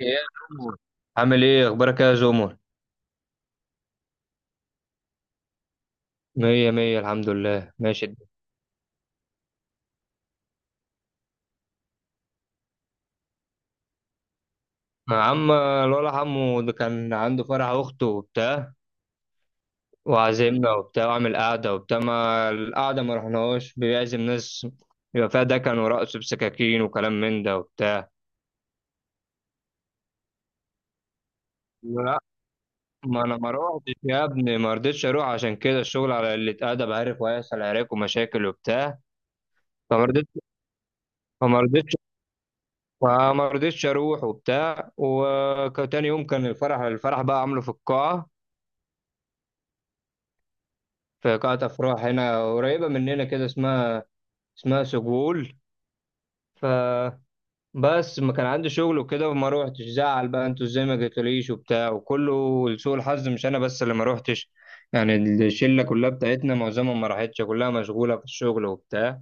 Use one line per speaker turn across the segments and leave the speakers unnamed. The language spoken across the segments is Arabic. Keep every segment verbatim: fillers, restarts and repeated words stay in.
يا جومو، عامل ايه؟ اخبارك إيه يا جومو؟ مية مية، الحمد لله، ماشي. عم الولا عمو ده كان عنده فرح اخته وبتاع، وعزمنا وبتاع، وعمل قعدة وبتاع. ما القعدة ما رحناهوش، بيعزم ناس يبقى فيها دكن ورقص بسكاكين وكلام من ده وبتاع. لا، ما انا ما روحتش يا ابني، ما رضيتش اروح عشان كده الشغل على اللي اتقدم، عارف، وهيحصل عراك ومشاكل وبتاع. فما رضيتش فما رضيتش فما رضيتش اروح وبتاع. وتاني يوم كان الفرح، الفرح بقى عامله في القاعه، في قاعه افراح هنا قريبه مننا كده، اسمها اسمها سجول. فبس ما كان عندي شغل وكده وما روحتش. زعل بقى انتوا ازاي ما جيتوليش وبتاع، وكله. لسوء الحظ مش انا بس اللي ما روحتش، يعني الشله كلها بتاعتنا معظمهم ما راحتش، كلها مشغوله في الشغل وبتاع.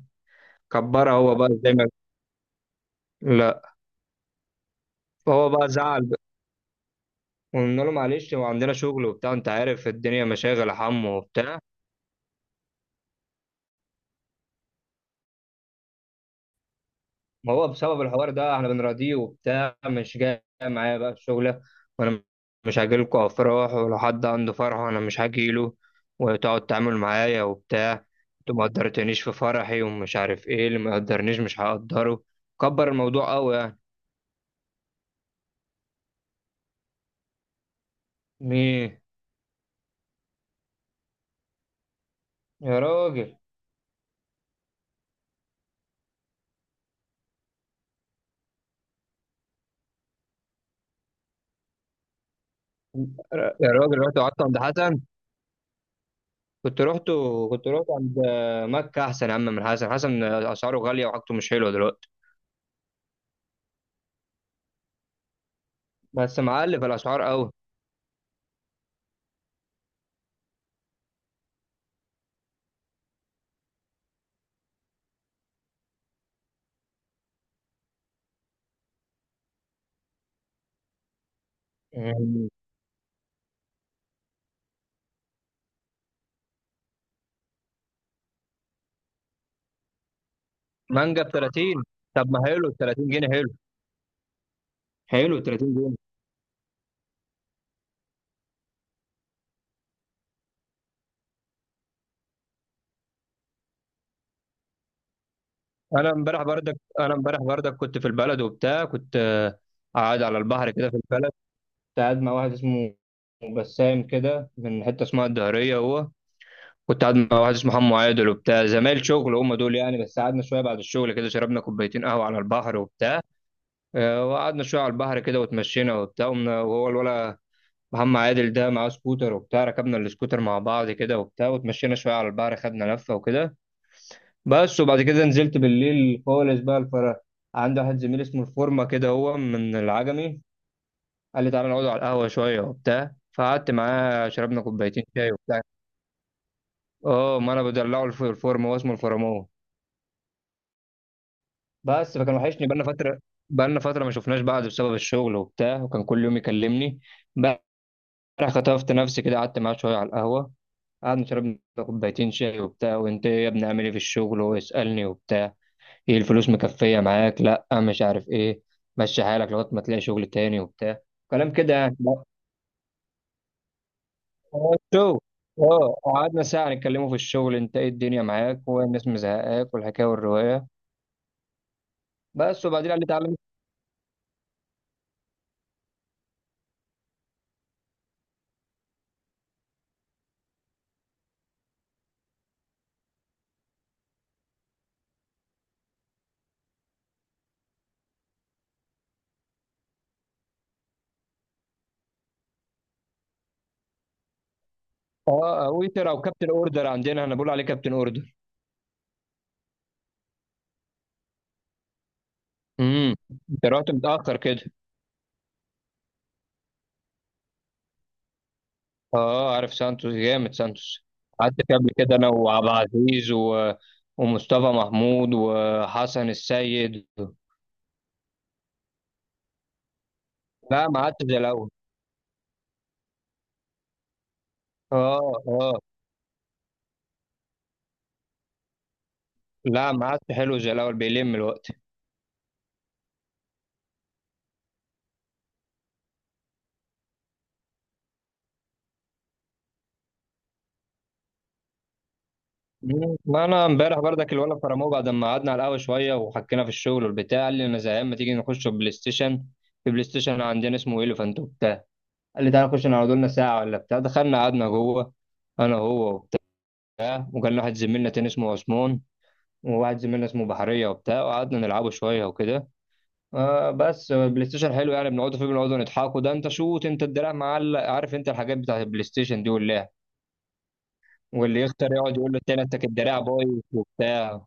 كبرها هو بقى زي ما... لا. فهو بقى زعل بقى. وقلنا له معلش، هو عندنا شغل وبتاع، انت عارف الدنيا مشاغل يا حمو وبتاع. ما هو بسبب الحوار ده احنا بنراضيه وبتاع، مش جاي معايا بقى الشغلة. وانا مش هاجيلكوا افراح، ولو حد عنده فرح وانا مش هاجيله وتقعد تعمل معايا وبتاع. انتوا ما قدرتنيش في فرحي ومش عارف ايه اللي ما قدرنيش، مش هقدره. كبر الموضوع قوي يعني. مين؟ يا راجل، يا راجل رحت قعدت عند حسن. كنت رحت كنت رحت عند مكة. احسن يا عم من حسن، حسن اسعاره غالية وحاجته مش حلوة دلوقتي. بس معلي في الاسعار قوي. مانجا ب تلاتين؟ طب ما حلو، تلاتين جنيه حلو. حلو تلاتين جنيه. انا امبارح بردك انا امبارح بردك كنت في البلد وبتاع. كنت آه، قاعد على البحر كده في البلد، كنت قاعد مع واحد اسمه بسام كده، من حته اسمها الدهريه. هو كنت قاعد مع واحد اسمه حمو عادل وبتاع، زمايل شغل هم دول يعني. بس قعدنا شويه بعد الشغل كده، شربنا كوبايتين قهوه على البحر وبتاع. آه، وقعدنا شويه على البحر كده وتمشينا وبتاع. قمنا- وهو الولا محمد عادل ده معاه سكوتر وبتاع، ركبنا السكوتر مع بعض كده وبتاع، وتمشينا شويه على البحر، خدنا لفه وكده. بس. وبعد كده نزلت بالليل خالص بقى الفرح. عندي واحد زميل اسمه الفورمة كده، هو من العجمي. قال لي تعالى نقعد على القهوة شوية وبتاع. فقعدت معاه، شربنا كوبايتين شاي وبتاع. اه، ما انا بدلعه، الف- الفورمة هو اسمه الفرمون. بس فكان وحشني، بقالنا فترة بقالنا فترة ما شفناش بعض بسبب الشغل وبتاع، وكان كل يوم يكلمني. بقى خطفت نفسي كده، قعدت معاه شوية على القهوة. قعدنا شربنا كوبايتين شاي وبتاع. وانت إيه يا ابني، عامل ايه في الشغل؟ وهو يسألني وبتاع، ايه الفلوس مكفية معاك؟ لا مش عارف ايه، مشي حالك لغاية ما تلاقي شغل تاني وبتاع. كلام كده يعني. لا، هو الشغل. اه قعدنا ساعة نتكلموا في الشغل، انت ايه الدنيا معاك والناس مزهقاك، والحكاية والرواية. بس وبعدين قال لي تعالى. اه، ويتر او كابتن اوردر، عندنا احنا بنقول عليه كابتن اوردر. امم، انت رحت متأخر كده. اه عارف سانتوس، جامد سانتوس. قعدت فيه قبل كده انا وعبد العزيز و... ومصطفى محمود وحسن السيد. لا ما قعدتش زي الاول. اه اه. لا ما عادش حلو زي الاول، بيلم الوقت. مم. ما انا امبارح برضك الولد فرموه، بعد ما قعدنا على القهوه شويه وحكينا في الشغل والبتاع قال لي انا زهقان، ما تيجي نخش بلاي ستيشن. في بلاي ستيشن عندنا اسمه ايليفانت وبتاع. قال لي تعالى نخش نقعد لنا ساعه ولا بتاع. دخلنا قعدنا جوه، انا هو وبتاع، وكان لنا واحد زميلنا تاني اسمه عثمان، وواحد زميلنا اسمه بحريه وبتاع. وقعدنا نلعبه شويه وكده. آه بس بلاي ستيشن حلو يعني، بنقعدوا فيه بنقعدوا نضحكوا، ده انت شوت، انت الدراع معلق، عارف انت الحاجات بتاعت البلاي ستيشن دي واللعب. واللي يختار يقعد يقول له التاني انت الدراع بايظ وبتاع.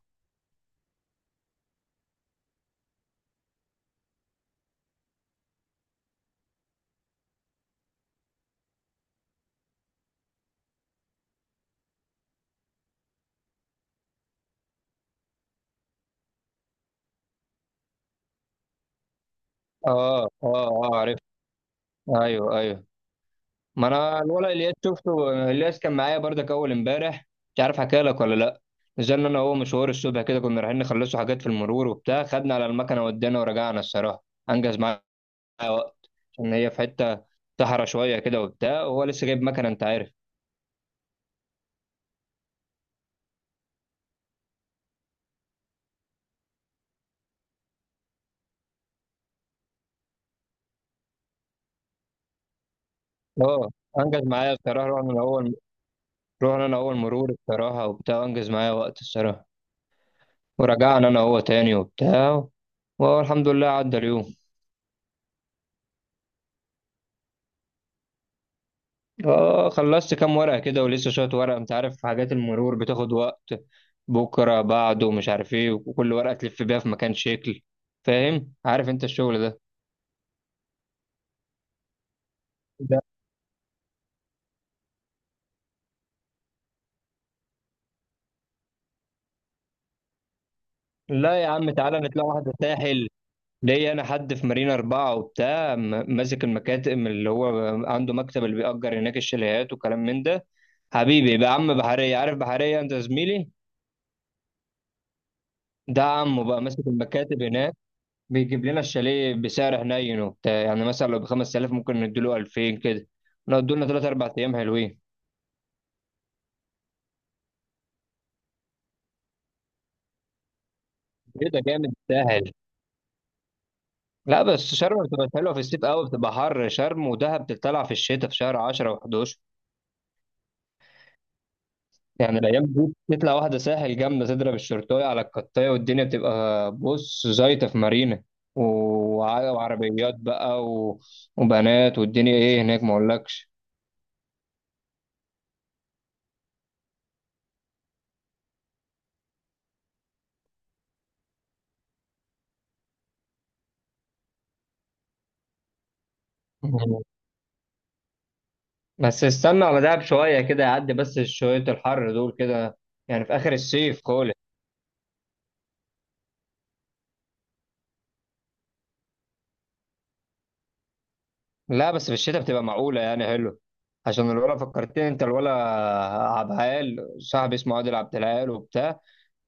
اه اه اه، عرفت. ايوه ايوه. ما انا الولد الياس شفته، الياس كان معايا برضك اول امبارح. مش عارف حكى لك ولا لا. نزلنا انا وهو مشوار الصبح كده، كنا رايحين نخلصوا حاجات في المرور وبتاع، خدنا على المكنه ودينا ورجعنا. الصراحه انجز معايا وقت، عشان هي في حته صحرا شويه كده وبتاع، وهو لسه جايب مكنه انت عارف. اه انجز معايا الصراحه. رحنا الاول، رحنا انا اول مرور الصراحه وبتاع، انجز معايا وقت الصراحه. ورجعنا انا هو تاني وبتاع. والحمد لله عدى اليوم. اه خلصت كام ورقة كده، ولسه شوية ورقة، انت عارف حاجات المرور بتاخد وقت، بكرة بعده مش عارف ايه، وكل ورقة تلف بيها في مكان شكل. فاهم، عارف انت الشغل ده. لا، لا يا عم تعالى نطلع واحدة ساحل. ليا انا حد في مارينا أربعة وبتاع، م- ماسك المكاتب، اللي هو عنده مكتب، اللي بيأجر هناك الشاليهات وكلام من ده. حبيبي بقى عم بحرية، عارف بحرية انت، زميلي ده. عمه بقى ماسك المكاتب هناك. بيجيب لنا الشاليه بسعر حنين وبتاع، يعني مثلا لو ب خمسة آلاف ممكن نديله ألفين كده، نقعد لنا تلاتة أربعة ايام حلوين. ايه ده جامد سهل. لا بس شرم بتبقى حلوه في الصيف قوي، بتبقى حر. شرم ودهب بتطلع في الشتاء، في شهر عشرة و11. يعني الايام دي تطلع واحده ساحل جامده، تضرب الشرطايه على القطايه، والدنيا بتبقى بص زيطه في مارينا. و- وع- وعربيات بقى و... وبنات والدنيا ايه هناك ما اقولكش. بس استنى على دهب شوية كده يعدي بس شوية الحر دول كده، يعني في آخر الصيف خالص. لا بس في الشتاء بتبقى معقولة يعني حلو. عشان الولا فكرتني، انت الولا عبد العال صاحبي، اسمه عادل عبد العال وبتاع.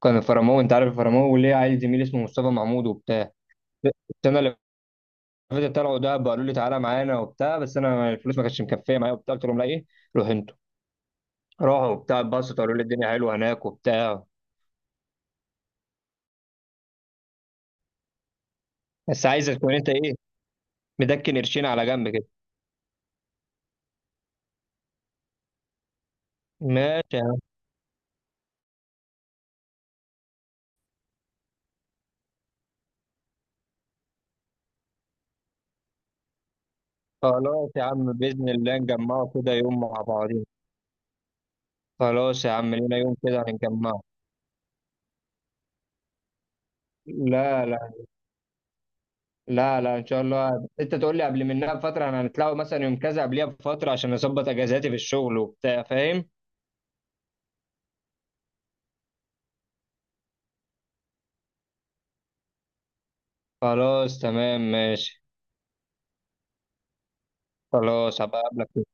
كان الفرامو، انت عارف الفرامو، وليه عيل زميلي اسمه مصطفى محمود وبتاع. السنة اللي فاتت طلعوا دهب، قالوا لي تعالى معانا وبتاع، بس انا الفلوس ما كانتش مكفية معايا وبتاع، قلت لهم لا ايه روح انتوا. راحوا وبتاع، اتبسطوا، قالوا لي الدنيا حلوة هناك وبتاع. بس عايزك تكون انت ايه، مدكن قرشين على جنب كده. ماشي. خلاص يا عم بإذن الله نجمعه كده يوم مع بعضين. خلاص يا عم لينا يوم كده هنجمعه. لا لا لا لا، إن شاء الله أنت تقول لي قبل منها بفترة، احنا هنطلعوا مثلا يوم كذا، قبلها بفترة عشان أظبط أجازاتي في الشغل وبتاع فاهم. خلاص تمام ماشي. خلاص هبقى أقابلك.